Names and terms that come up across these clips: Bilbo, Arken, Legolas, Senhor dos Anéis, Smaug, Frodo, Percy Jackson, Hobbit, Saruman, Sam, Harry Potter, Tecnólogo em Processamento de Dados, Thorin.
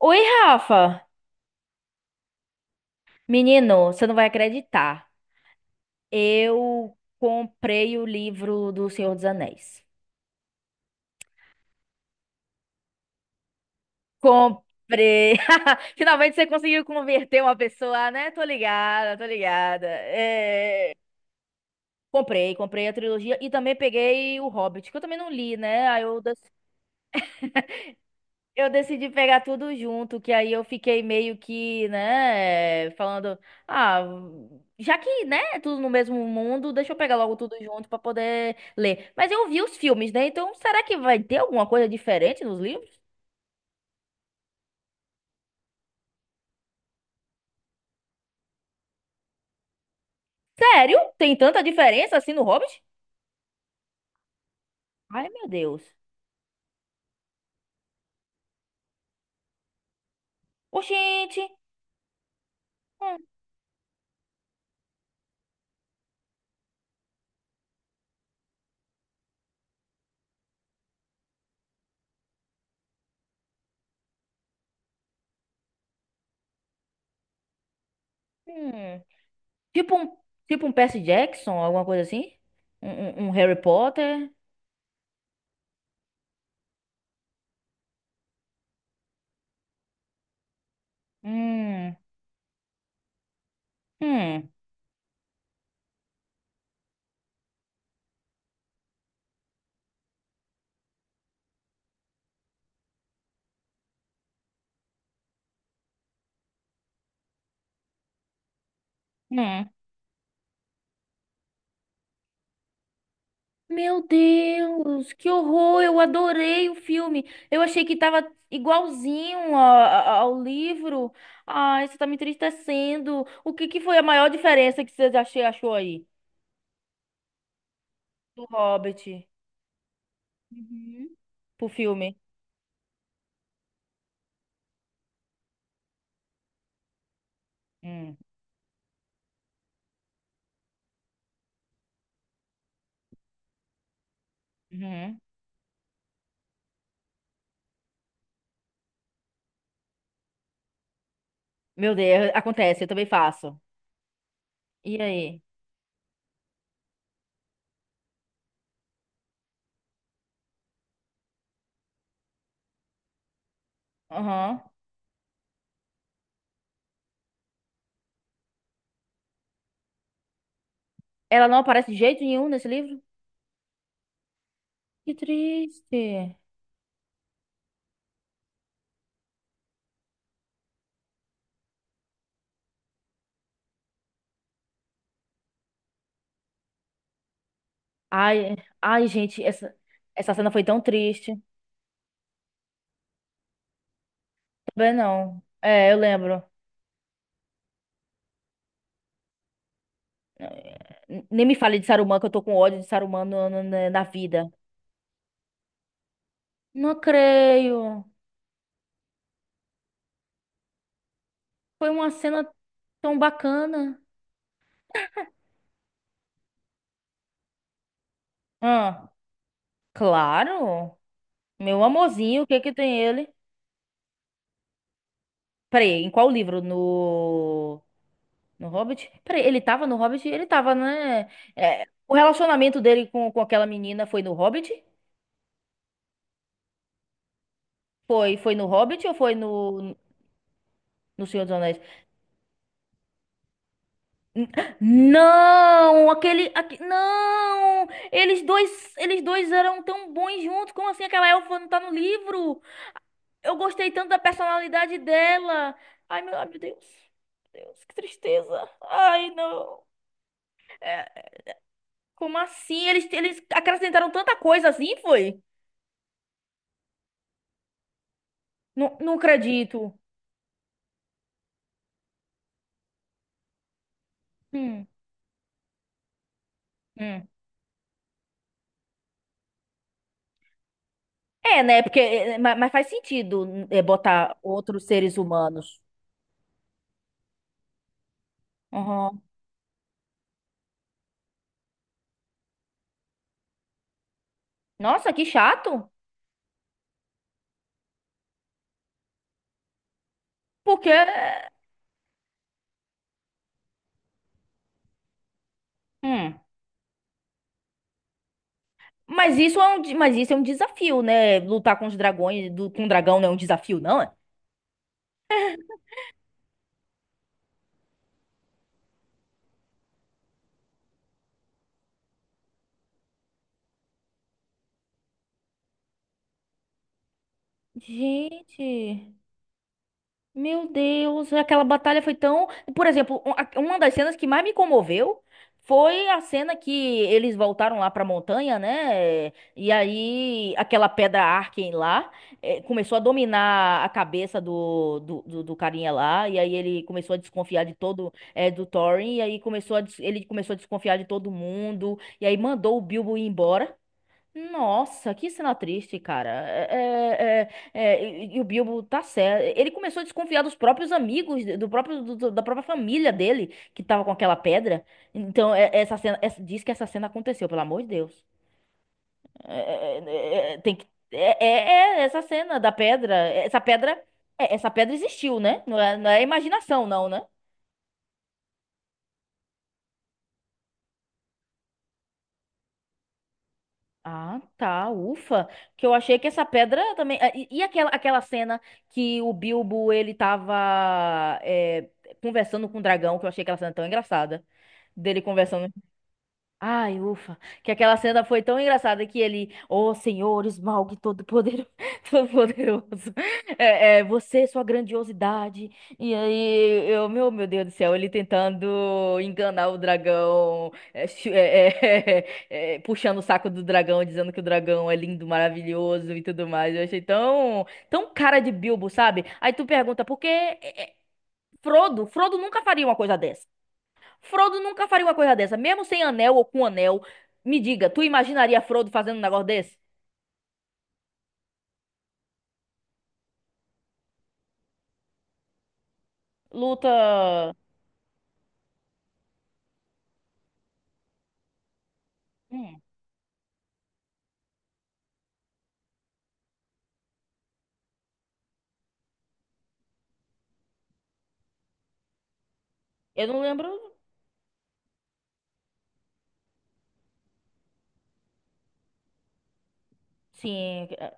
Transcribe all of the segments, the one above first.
Oi, Rafa! Menino, você não vai acreditar. Eu comprei o livro do Senhor dos Anéis. Comprei! Finalmente você conseguiu converter uma pessoa, né? Tô ligada, tô ligada. Comprei a trilogia e também peguei o Hobbit, que eu também não li, né? Aí eu decidi pegar tudo junto, que aí eu fiquei meio que, né, falando, ah, já que, né, é tudo no mesmo mundo, deixa eu pegar logo tudo junto pra poder ler. Mas eu vi os filmes, né? Então, será que vai ter alguma coisa diferente nos livros? Sério? Tem tanta diferença assim no Hobbit? Ai, meu Deus. Oxente. Hum, hum. Tipo um, tipo um Percy Jackson, alguma coisa assim? Um, um Harry Potter? Hum, hum, hum. Meu Deus, que horror! Eu adorei o filme. Eu achei que tava igualzinho ao livro. Ai, você tá me entristecendo. O que que foi a maior diferença que você achou aí do Hobbit. Uhum. Pro filme? Hum, uhum. Meu Deus, é, acontece, eu também faço. E aí? Aham. Ela não aparece de jeito nenhum nesse livro? Que triste. Ai, ai, gente, essa cena foi tão triste. Também não. É, eu lembro. Nem me fale de Saruman, que eu tô com ódio de Saruman na vida. Não creio. Foi uma cena tão bacana. Ah, claro. Meu amorzinho, o que que tem ele? Peraí, em qual livro? No... No Hobbit? Peraí, ele tava no Hobbit? Ele tava, né? É, o relacionamento dele com aquela menina foi no Hobbit? Foi, foi no Hobbit ou foi no, no Senhor dos Anéis? N- Não, aquele, aque- não, eles dois eram tão bons juntos. Como assim aquela elfa não tá no livro? Eu gostei tanto da personalidade dela. Ai, meu Deus. Meu Deus, que tristeza. Ai, não. É, como assim? Eles acrescentaram tanta coisa assim, foi? Não, não acredito. Hum, hum. É, né? Porque, é, mas faz sentido é, botar outros seres humanos. Uhum. Nossa, que chato. Porque. Hum. Mas isso é mas isso é um desafio, né? Lutar com os dragões, do, com o dragão não é um desafio, não é? Gente. Meu Deus, aquela batalha foi tão. Por exemplo, uma das cenas que mais me comoveu foi a cena que eles voltaram lá pra montanha, né? E aí aquela pedra Arken lá começou a dominar a cabeça do carinha lá. E aí ele começou a desconfiar de todo do Thorin. E aí começou a ele começou a desconfiar de todo mundo. E aí mandou o Bilbo ir embora. Nossa, que cena triste, cara. E o Bilbo tá certo. Ele começou a desconfiar dos próprios amigos, do próprio, da própria família dele, que tava com aquela pedra. Então, essa cena, essa- diz que essa cena aconteceu, pelo amor de Deus. É, é, é, é, tem que, é, é- é essa cena da pedra. Essa pedra, é, essa pedra existiu, né? Não é, não é imaginação, não, né? Ah, tá, ufa. Que eu achei que essa pedra também. Ah, e aquela cena que o Bilbo ele tava conversando com o dragão, que eu achei aquela cena tão engraçada. Dele conversando. Ai, ufa. Que aquela cena foi tão engraçada que ele, ó Senhor, Smaug todo-poderoso, todo-poderoso, você, sua grandiosidade. E aí, meu Deus do céu, ele tentando enganar o dragão, puxando o saco do dragão, dizendo que o dragão é lindo, maravilhoso e tudo mais. Eu achei tão cara de Bilbo, sabe? Aí tu pergunta, por que é, é, Frodo? Frodo nunca faria uma coisa. Frodo nunca faria uma coisa dessa, mesmo sem anel ou com anel. Me diga, tu imaginaria Frodo fazendo um negócio desse? Luta. Hum, eu não lembro. Sim.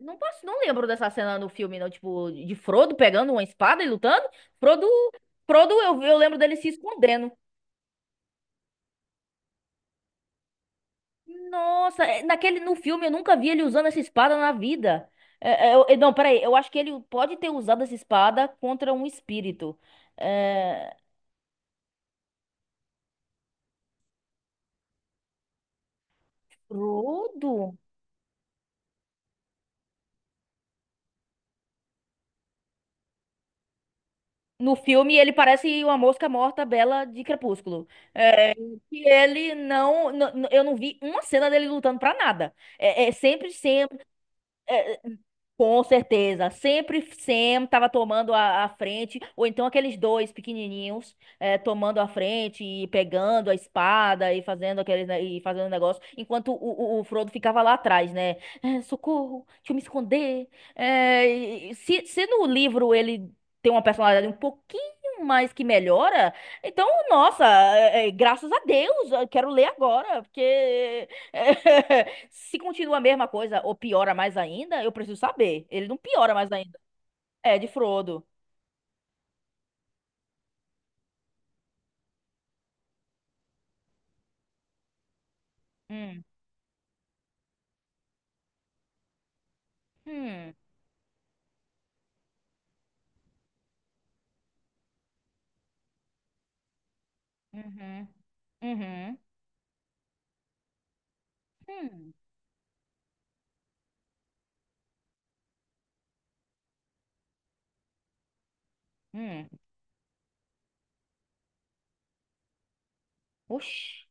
Não posso, não lembro dessa cena no filme, não. Tipo, de Frodo pegando uma espada e lutando. Frodo. Frodo, eu lembro dele se escondendo. Nossa, é, naquele, no filme eu nunca vi ele usando essa espada na vida. É, é, eu- é, não, peraí, eu acho que ele pode ter usado essa espada contra um espírito. É, Frodo? No filme, ele parece uma mosca morta bela de Crepúsculo. É, que ele não, eu não vi uma cena dele lutando pra nada. Com certeza. Sempre Sam tava tomando a frente, ou então aqueles dois pequenininhos tomando a frente e pegando a espada e fazendo e fazendo negócio, enquanto o Frodo ficava lá atrás, né? Eh, socorro, deixa eu me esconder. E se no livro ele tem uma personalidade um pouquinho mais que melhora, então, nossa, graças a Deus, eu quero ler agora, porque se continua a mesma coisa ou piora mais ainda, eu preciso saber. Ele não piora mais ainda. É, de Frodo. Hum. Hum. Uhum. Uhum. Hum. Hum. Oxi.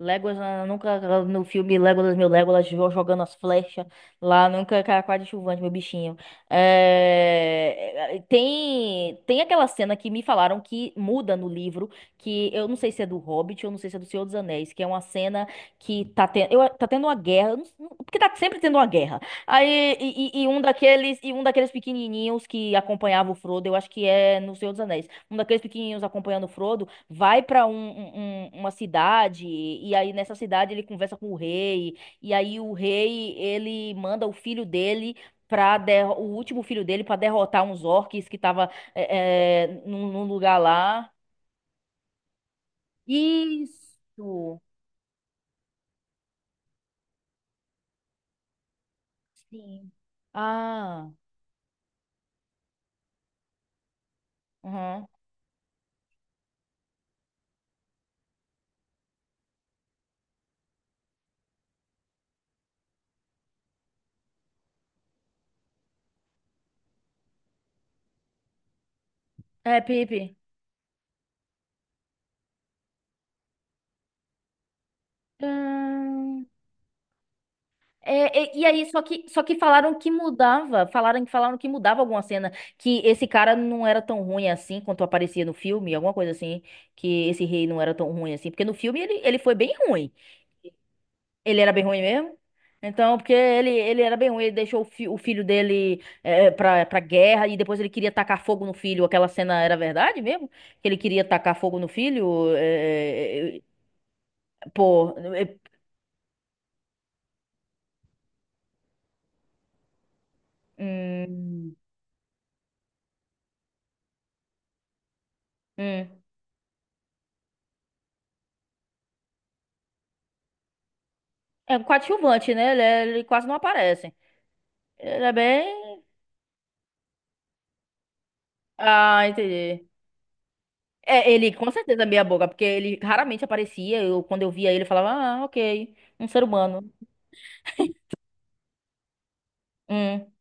Legolas, ah, nunca ah, no filme Legolas, meu Legolas, jogando as flechas lá, nunca cara quase chuvante, meu bichinho. Tem aquela cena que me falaram que muda no livro, que eu não sei se é do Hobbit, eu não sei se é do Senhor dos Anéis, que é uma cena que tá, ten... tá tendo uma guerra, eu porque tá sempre tendo uma guerra. Aí um daqueles, e um daqueles pequenininhos que acompanhava o Frodo, eu acho que é no Senhor dos Anéis, um daqueles pequenininhos acompanhando o Frodo vai para uma cidade e aí nessa cidade ele conversa com o rei e aí o rei ele manda o filho dele para o último filho dele para derrotar uns orques que tava num lugar lá. Isso. Sim. Ah. Uhum. É, Pipe. É, só que falaram que mudava, falaram, falaram que mudava alguma cena, que esse cara não era tão ruim assim quanto aparecia no filme, alguma coisa assim, que esse rei não era tão ruim assim, porque no filme ele foi bem ruim, ele era bem ruim mesmo, então, porque ele era bem ruim, ele deixou o, o filho dele é, pra guerra, e depois ele queria tacar fogo no filho, aquela cena era verdade mesmo? Que ele queria tacar fogo no filho? Pô, é, hum, hum. É um coadjuvante, né? Ele quase não aparece. Ele é bem. Ah, entendi. É, ele com certeza é meia boca, porque ele raramente aparecia. Eu, quando eu via ele, eu falava, ah, ok, um ser humano. Hum,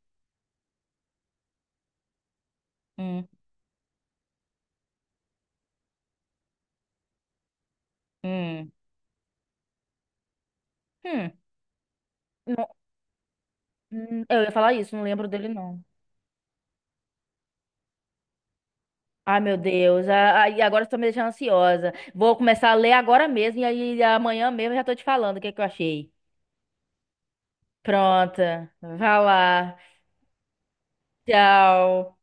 hum, hum. Hum. Não- eu ia falar isso, não lembro dele, não. Ai, meu Deus. E agora você tá me deixando ansiosa. Vou começar a ler agora mesmo, e aí amanhã mesmo eu já tô te falando o que que eu achei. Pronta. Vá lá. Tchau.